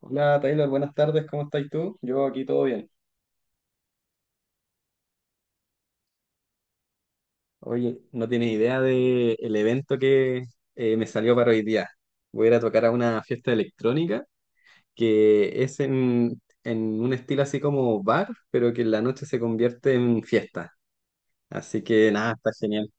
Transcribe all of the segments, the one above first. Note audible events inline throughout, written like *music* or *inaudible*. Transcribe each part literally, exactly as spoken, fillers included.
Hola Taylor, buenas tardes, ¿cómo estás tú? Yo aquí todo bien. Oye, no tienes idea de el evento que eh, me salió para hoy día. Voy a ir a tocar a una fiesta electrónica que es en, en un estilo así como bar, pero que en la noche se convierte en fiesta. Así que nada, está genial.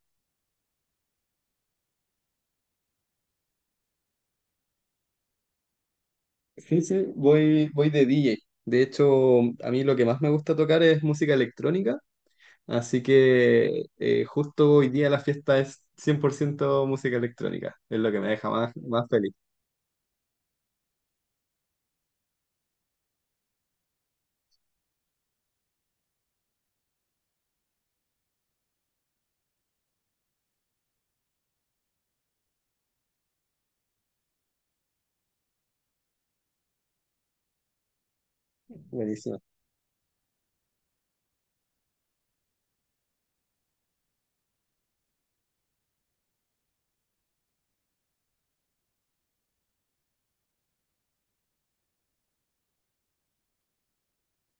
Sí, sí, voy, voy de D J. De hecho, a mí lo que más me gusta tocar es música electrónica. Así que eh, justo hoy día la fiesta es cien por ciento música electrónica, es lo que me deja más, más feliz. Buenísimo.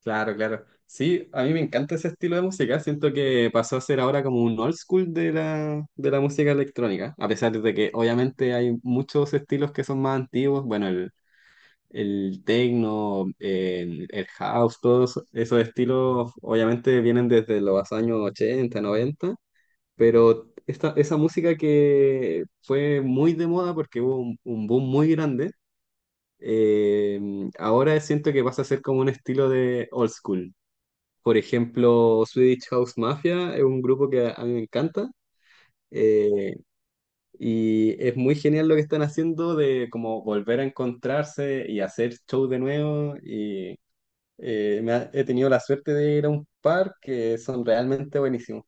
Claro, claro. Sí, a mí me encanta ese estilo de música, siento que pasó a ser ahora como un old school de la, de la música electrónica, a pesar de que obviamente hay muchos estilos que son más antiguos, bueno, el, el techno, el, el house, todos esos estilos obviamente vienen desde los años ochenta, noventa. Pero esta, esa música que fue muy de moda porque hubo un, un boom muy grande. eh, Ahora siento que pasa a ser como un estilo de old school. Por ejemplo, Swedish House Mafia es un grupo que a mí me encanta. Eh, y es muy genial lo que están haciendo de como volver a encontrarse y hacer show de nuevo y eh, me ha- he tenido la suerte de ir a un par que son realmente buenísimos.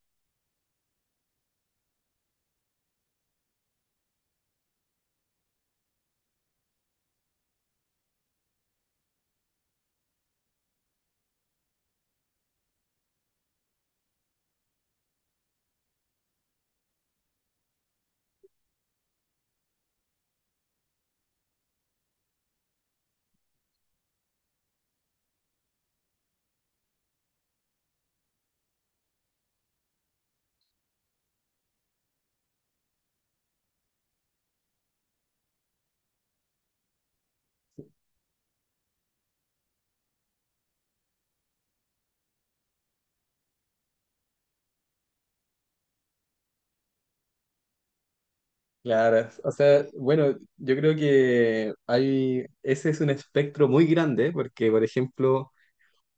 Claro, o sea, bueno, yo creo que hay, ese es un espectro muy grande, porque por ejemplo,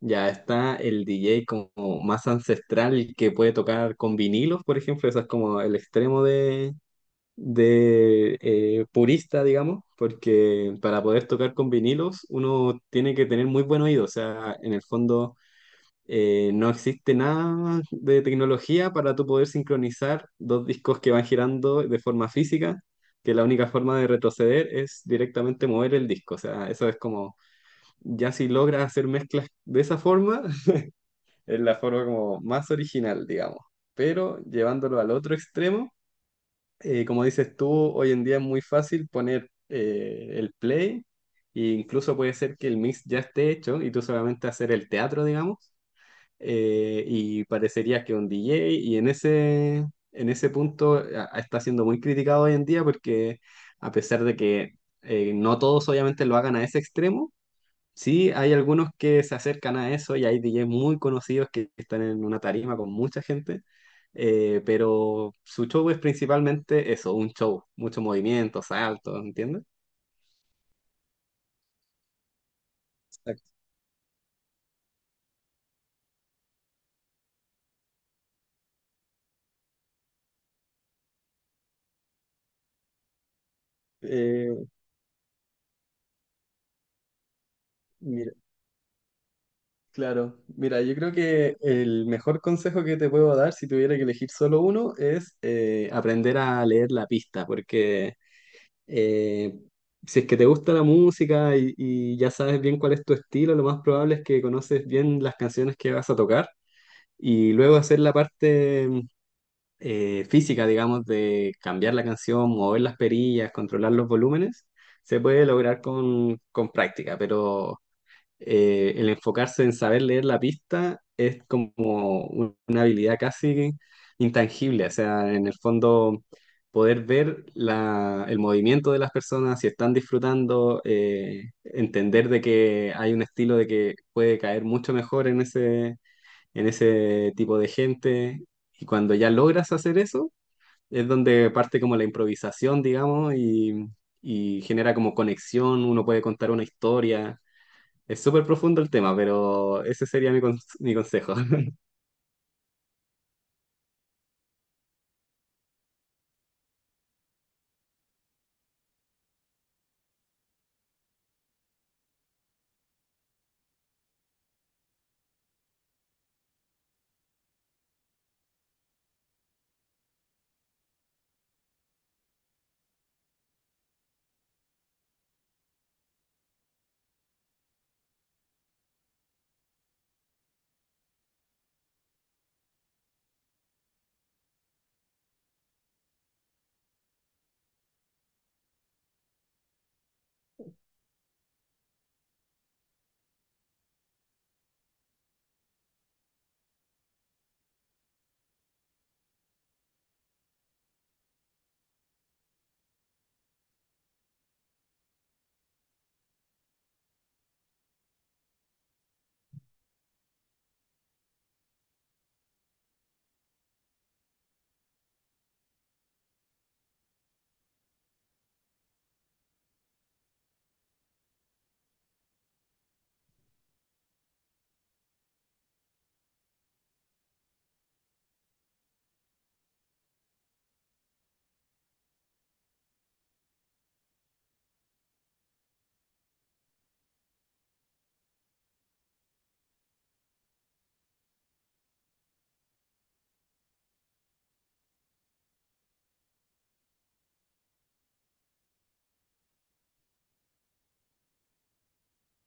ya está el D J como más ancestral que puede tocar con vinilos, por ejemplo, eso es como el extremo de, de eh, purista, digamos, porque para poder tocar con vinilos uno tiene que tener muy buen oído, o sea, en el fondo eh, no existe nada de tecnología para tú poder sincronizar dos discos que van girando de forma física, que la única forma de retroceder es directamente mover el disco. O sea, eso es como, ya si logras hacer mezclas de esa forma, *laughs* es la forma como más original, digamos. Pero llevándolo al otro extremo, eh, como dices tú, hoy en día es muy fácil poner eh, el play. E incluso puede ser que el mix ya esté hecho y tú solamente hacer el teatro, digamos. Eh, y parecería que un D J, y en ese, en ese punto a- a- está siendo muy criticado hoy en día porque a pesar de que eh, no todos obviamente lo hagan a ese extremo, sí hay algunos que se acercan a eso y hay D Js muy conocidos que están en una tarima con mucha gente, eh, pero su show es principalmente eso, un show, mucho movimiento, saltos, ¿entiendes? Exacto. Eh, mira, Claro, mira, yo creo que el mejor consejo que te puedo dar si tuviera que elegir solo uno es eh, aprender a leer la pista, porque eh, si es que te gusta la música y, y ya sabes bien cuál es tu estilo, lo más probable es que conoces bien las canciones que vas a tocar y luego hacer la parte eh, física, digamos, de cambiar la canción, mover las perillas, controlar los volúmenes, se puede lograr con, con práctica, pero eh, el enfocarse en saber leer la pista es como un- una habilidad casi intangible, o sea, en el fondo poder ver la- el movimiento de las personas, si están disfrutando, eh, entender de que hay un estilo de que puede caer mucho mejor en ese, en ese tipo de gente, y cuando ya logras hacer eso, es donde parte como la improvisación, digamos, y... y genera como conexión, uno puede contar una historia, es súper profundo el tema, pero ese sería mi, cons- mi consejo. *laughs*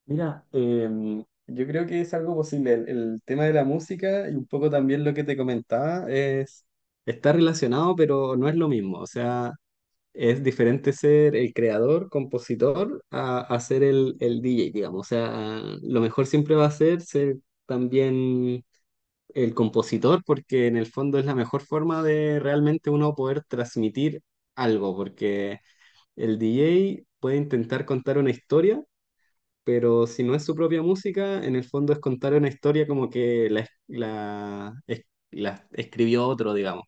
Mira, em, yo creo que es algo posible. El, el tema de la música y un poco también lo que te comentaba es, está relacionado, pero no es lo mismo. O sea, es diferente ser el creador, compositor, a, a ser el, el D J, digamos. O sea, lo mejor siempre va a ser ser también el compositor, porque en el fondo es la mejor forma de realmente uno poder transmitir algo, porque el D J puede intentar contar una historia, pero si no es su propia música, en el fondo es contar una historia como que la, es- la, es- la escribió otro, digamos.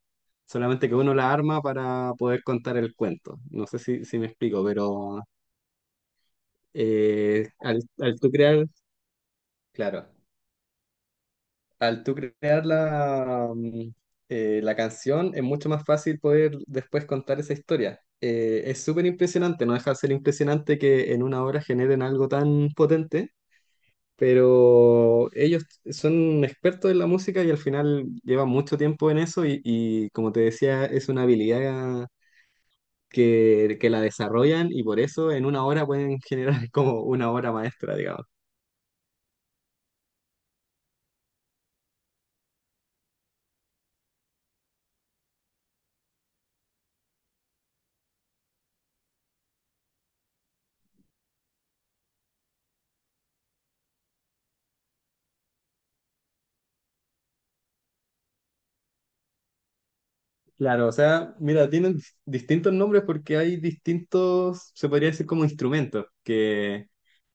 Solamente que uno la arma para poder contar el cuento. No sé si, si me explico, pero eh, al, al tú crear, claro. Al tú crear la, mm, eh, la canción, es mucho más fácil poder después contar esa historia. Eh, es súper impresionante, no deja de ser impresionante que en una hora generen algo tan potente, pero ellos son expertos en la música y al final llevan mucho tiempo en eso y, y como te decía, es una habilidad que, que la desarrollan y por eso en una hora pueden generar *laughs* como una obra maestra, digamos. Claro, o sea, mira, tienen dis- distintos nombres porque hay distintos, se podría decir como instrumentos, que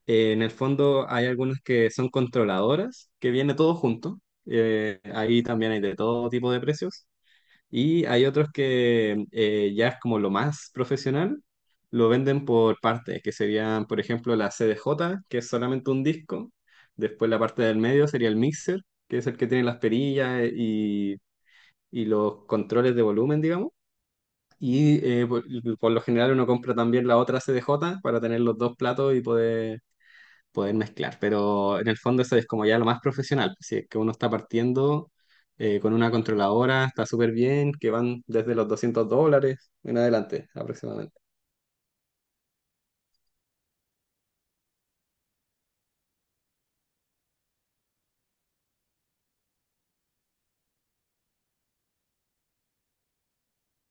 eh, en el fondo hay algunas que son controladoras, que viene todo junto. Eh, ahí también hay de todo tipo de precios, y hay otros que eh, ya es como lo más profesional, lo venden por partes, que serían, por ejemplo, la C D J que es solamente un disco, después la parte del medio sería el mixer, que es el que tiene las perillas eh, y y los controles de volumen, digamos. Y eh, por, por lo general uno compra también la otra C D J para tener los dos platos y poder, poder mezclar. Pero en el fondo eso es como ya lo más profesional. Si es que uno está partiendo eh, con una controladora, está súper bien, que van desde los doscientos dólares en adelante aproximadamente.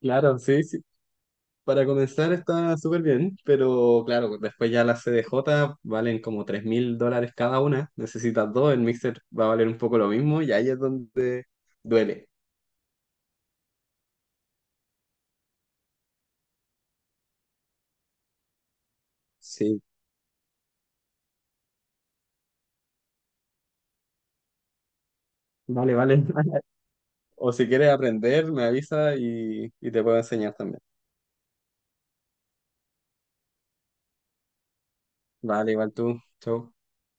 Claro, sí, sí. Para comenzar está súper bien, pero claro, después ya las C D J valen como tres mil dólares cada una. Necesitas dos, el mixer va a valer un poco lo mismo y ahí es donde duele. Sí, vale, vale. *laughs* O si quieres aprender, me avisa y, y te puedo enseñar también. Vale, igual tú. Chau.